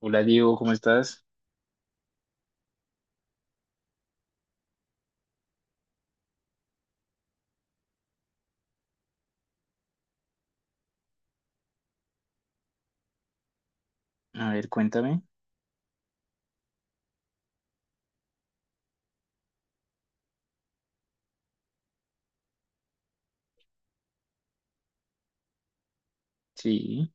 Hola Diego, ¿cómo estás? A ver, cuéntame. Sí,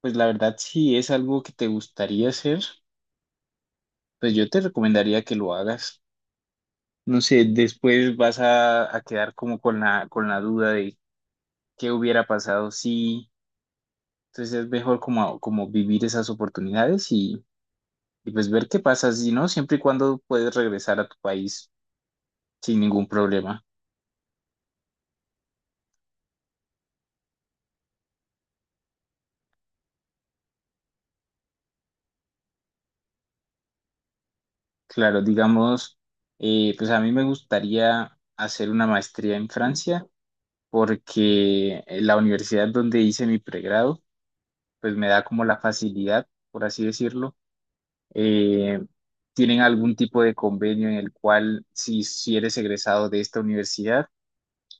pues la verdad, si es algo que te gustaría hacer, pues yo te recomendaría que lo hagas. No sé, después vas a quedar como con la duda de qué hubiera pasado si. Entonces es mejor como vivir esas oportunidades y pues ver qué pasa, si no, siempre y cuando puedes regresar a tu país sin ningún problema. Claro, digamos, pues a mí me gustaría hacer una maestría en Francia porque la universidad donde hice mi pregrado, pues me da como la facilidad, por así decirlo. Eh, tienen algún tipo de convenio en el cual si eres egresado de esta universidad,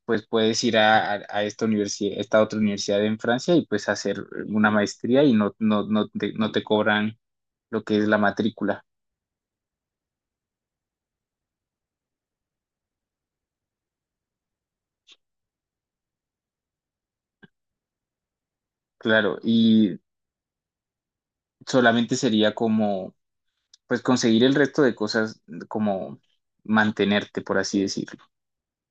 pues puedes ir a esta universidad, esta otra universidad en Francia y pues hacer una maestría y no te cobran lo que es la matrícula, claro, y solamente sería como, pues conseguir el resto de cosas, como mantenerte, por así decirlo.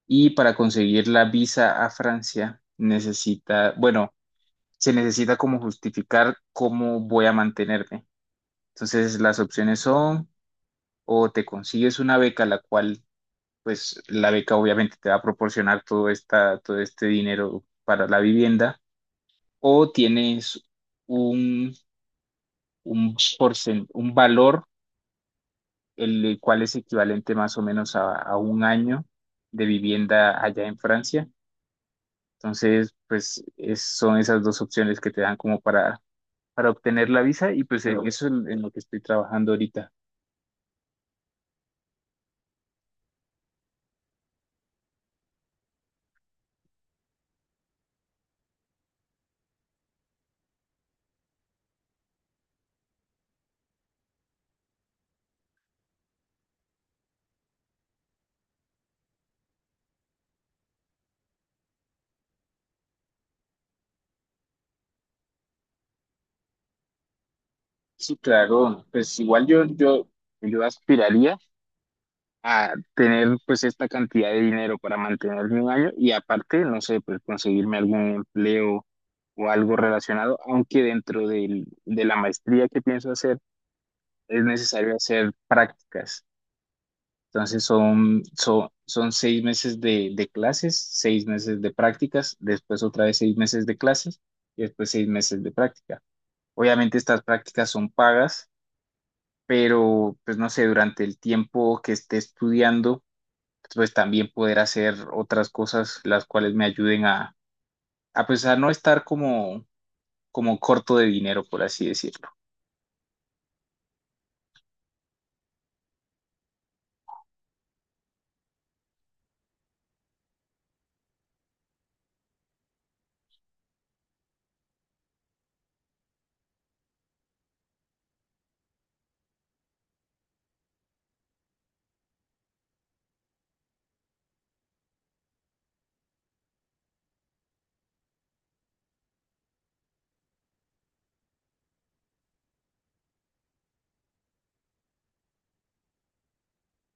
Y para conseguir la visa a Francia, bueno, se necesita como justificar cómo voy a mantenerme. Entonces, las opciones son o te consigues una beca, la cual, pues, la beca obviamente te va a proporcionar todo este dinero para la vivienda, o tienes un, un valor, el cual es equivalente más o menos a un año de vivienda allá en Francia. Entonces, pues son esas dos opciones que te dan como para obtener la visa y pues en eso es en lo que estoy trabajando ahorita. Sí, claro, pues igual yo aspiraría a tener pues esta cantidad de dinero para mantenerme un año y aparte, no sé, pues conseguirme algún empleo o algo relacionado, aunque dentro del- de la maestría que pienso hacer es necesario hacer prácticas. Entonces son 6 meses de clases, 6 meses de prácticas, después otra vez 6 meses de clases y después 6 meses de práctica. Obviamente estas prácticas son pagas, pero pues no sé, durante el tiempo que esté estudiando, pues también poder hacer otras cosas las cuales me ayuden a, pues a no estar como, como corto de dinero, por así decirlo.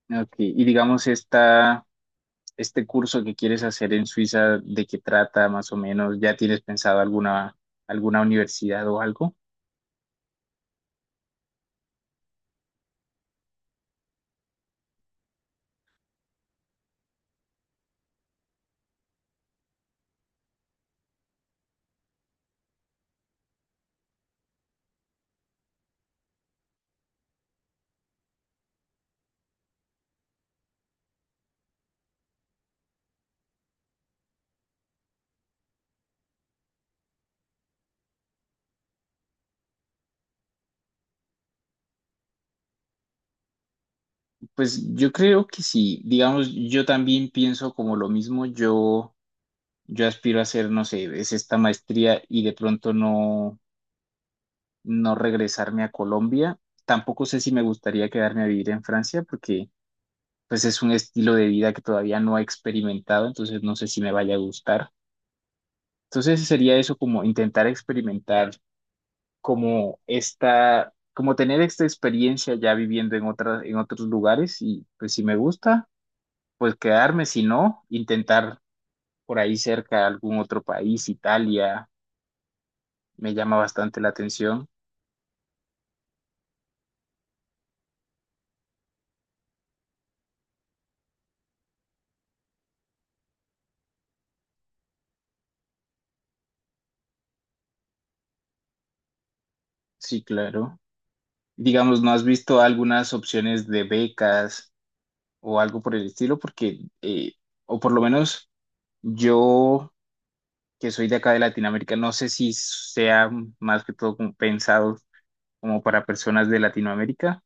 Ok. Y digamos, este curso que quieres hacer en Suiza, ¿de qué trata más o menos? ¿Ya tienes pensado alguna universidad o algo? Pues yo creo que sí. Digamos, yo también pienso como lo mismo. Yo aspiro a hacer, no sé, es esta maestría y de pronto no regresarme a Colombia. Tampoco sé si me gustaría quedarme a vivir en Francia porque pues es un estilo de vida que todavía no he experimentado, entonces no sé si me vaya a gustar. Entonces sería eso como intentar experimentar como tener esta experiencia ya viviendo en otros lugares y pues si me gusta, pues quedarme, si no, intentar por ahí cerca algún otro país. Italia me llama bastante la atención. Sí, claro. Digamos, ¿no has visto algunas opciones de becas o algo por el estilo? Porque, o por lo menos yo, que soy de acá de Latinoamérica, no sé si sea más que todo como pensado como para personas de Latinoamérica,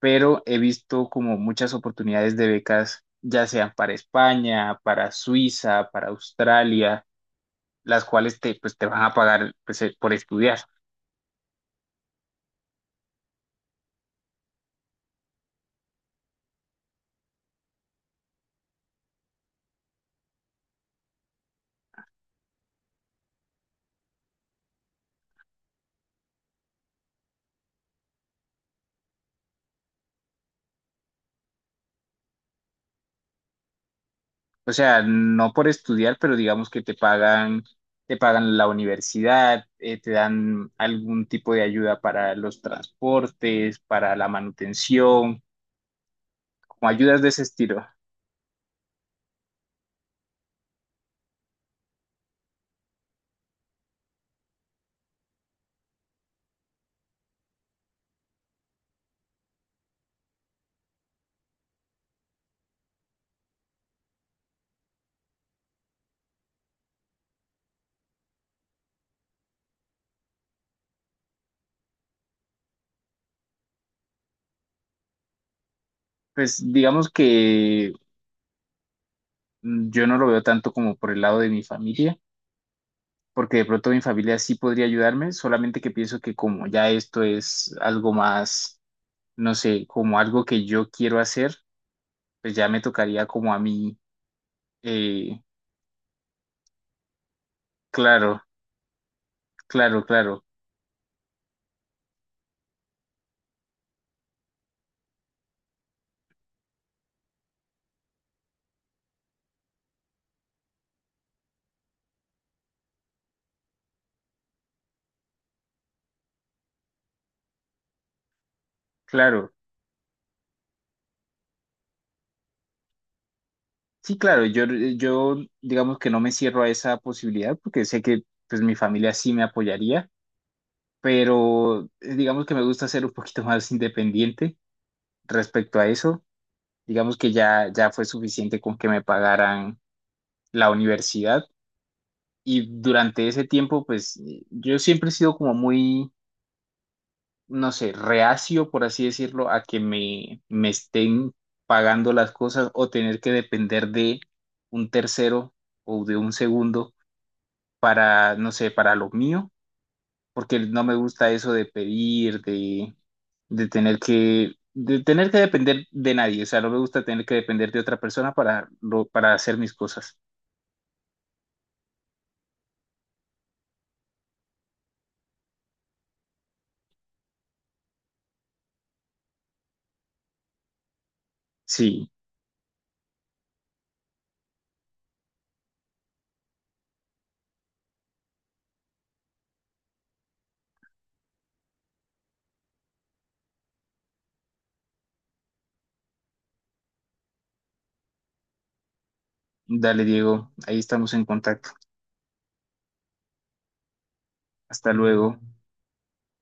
pero he visto como muchas oportunidades de becas, ya sean para España, para Suiza, para Australia, las cuales pues, te van a pagar pues, por estudiar. O sea, no por estudiar, pero digamos que te pagan la universidad, te dan algún tipo de ayuda para los transportes, para la manutención, como ayudas de ese estilo. Pues digamos que yo no lo veo tanto como por el lado de mi familia porque de pronto mi familia sí podría ayudarme, solamente que pienso que como ya esto es algo más, no sé, como algo que yo quiero hacer, pues ya me tocaría como a mí, eh, claro, claro, claro, claro. Sí, claro, yo digamos que no me cierro a esa posibilidad porque sé que pues mi familia sí me apoyaría, pero digamos que me gusta ser un poquito más independiente respecto a eso. Digamos que ya, ya fue suficiente con que me pagaran la universidad. Y durante ese tiempo, pues yo siempre he sido como muy, no sé, reacio, por así decirlo, a que me estén pagando las cosas o tener que depender de un tercero o de un segundo para, no sé, para lo mío, porque no me gusta eso de pedir, de tener que depender de nadie, o sea, no me gusta tener que depender de otra persona para, para hacer mis cosas. Sí, dale, Diego, ahí estamos en contacto. Hasta luego.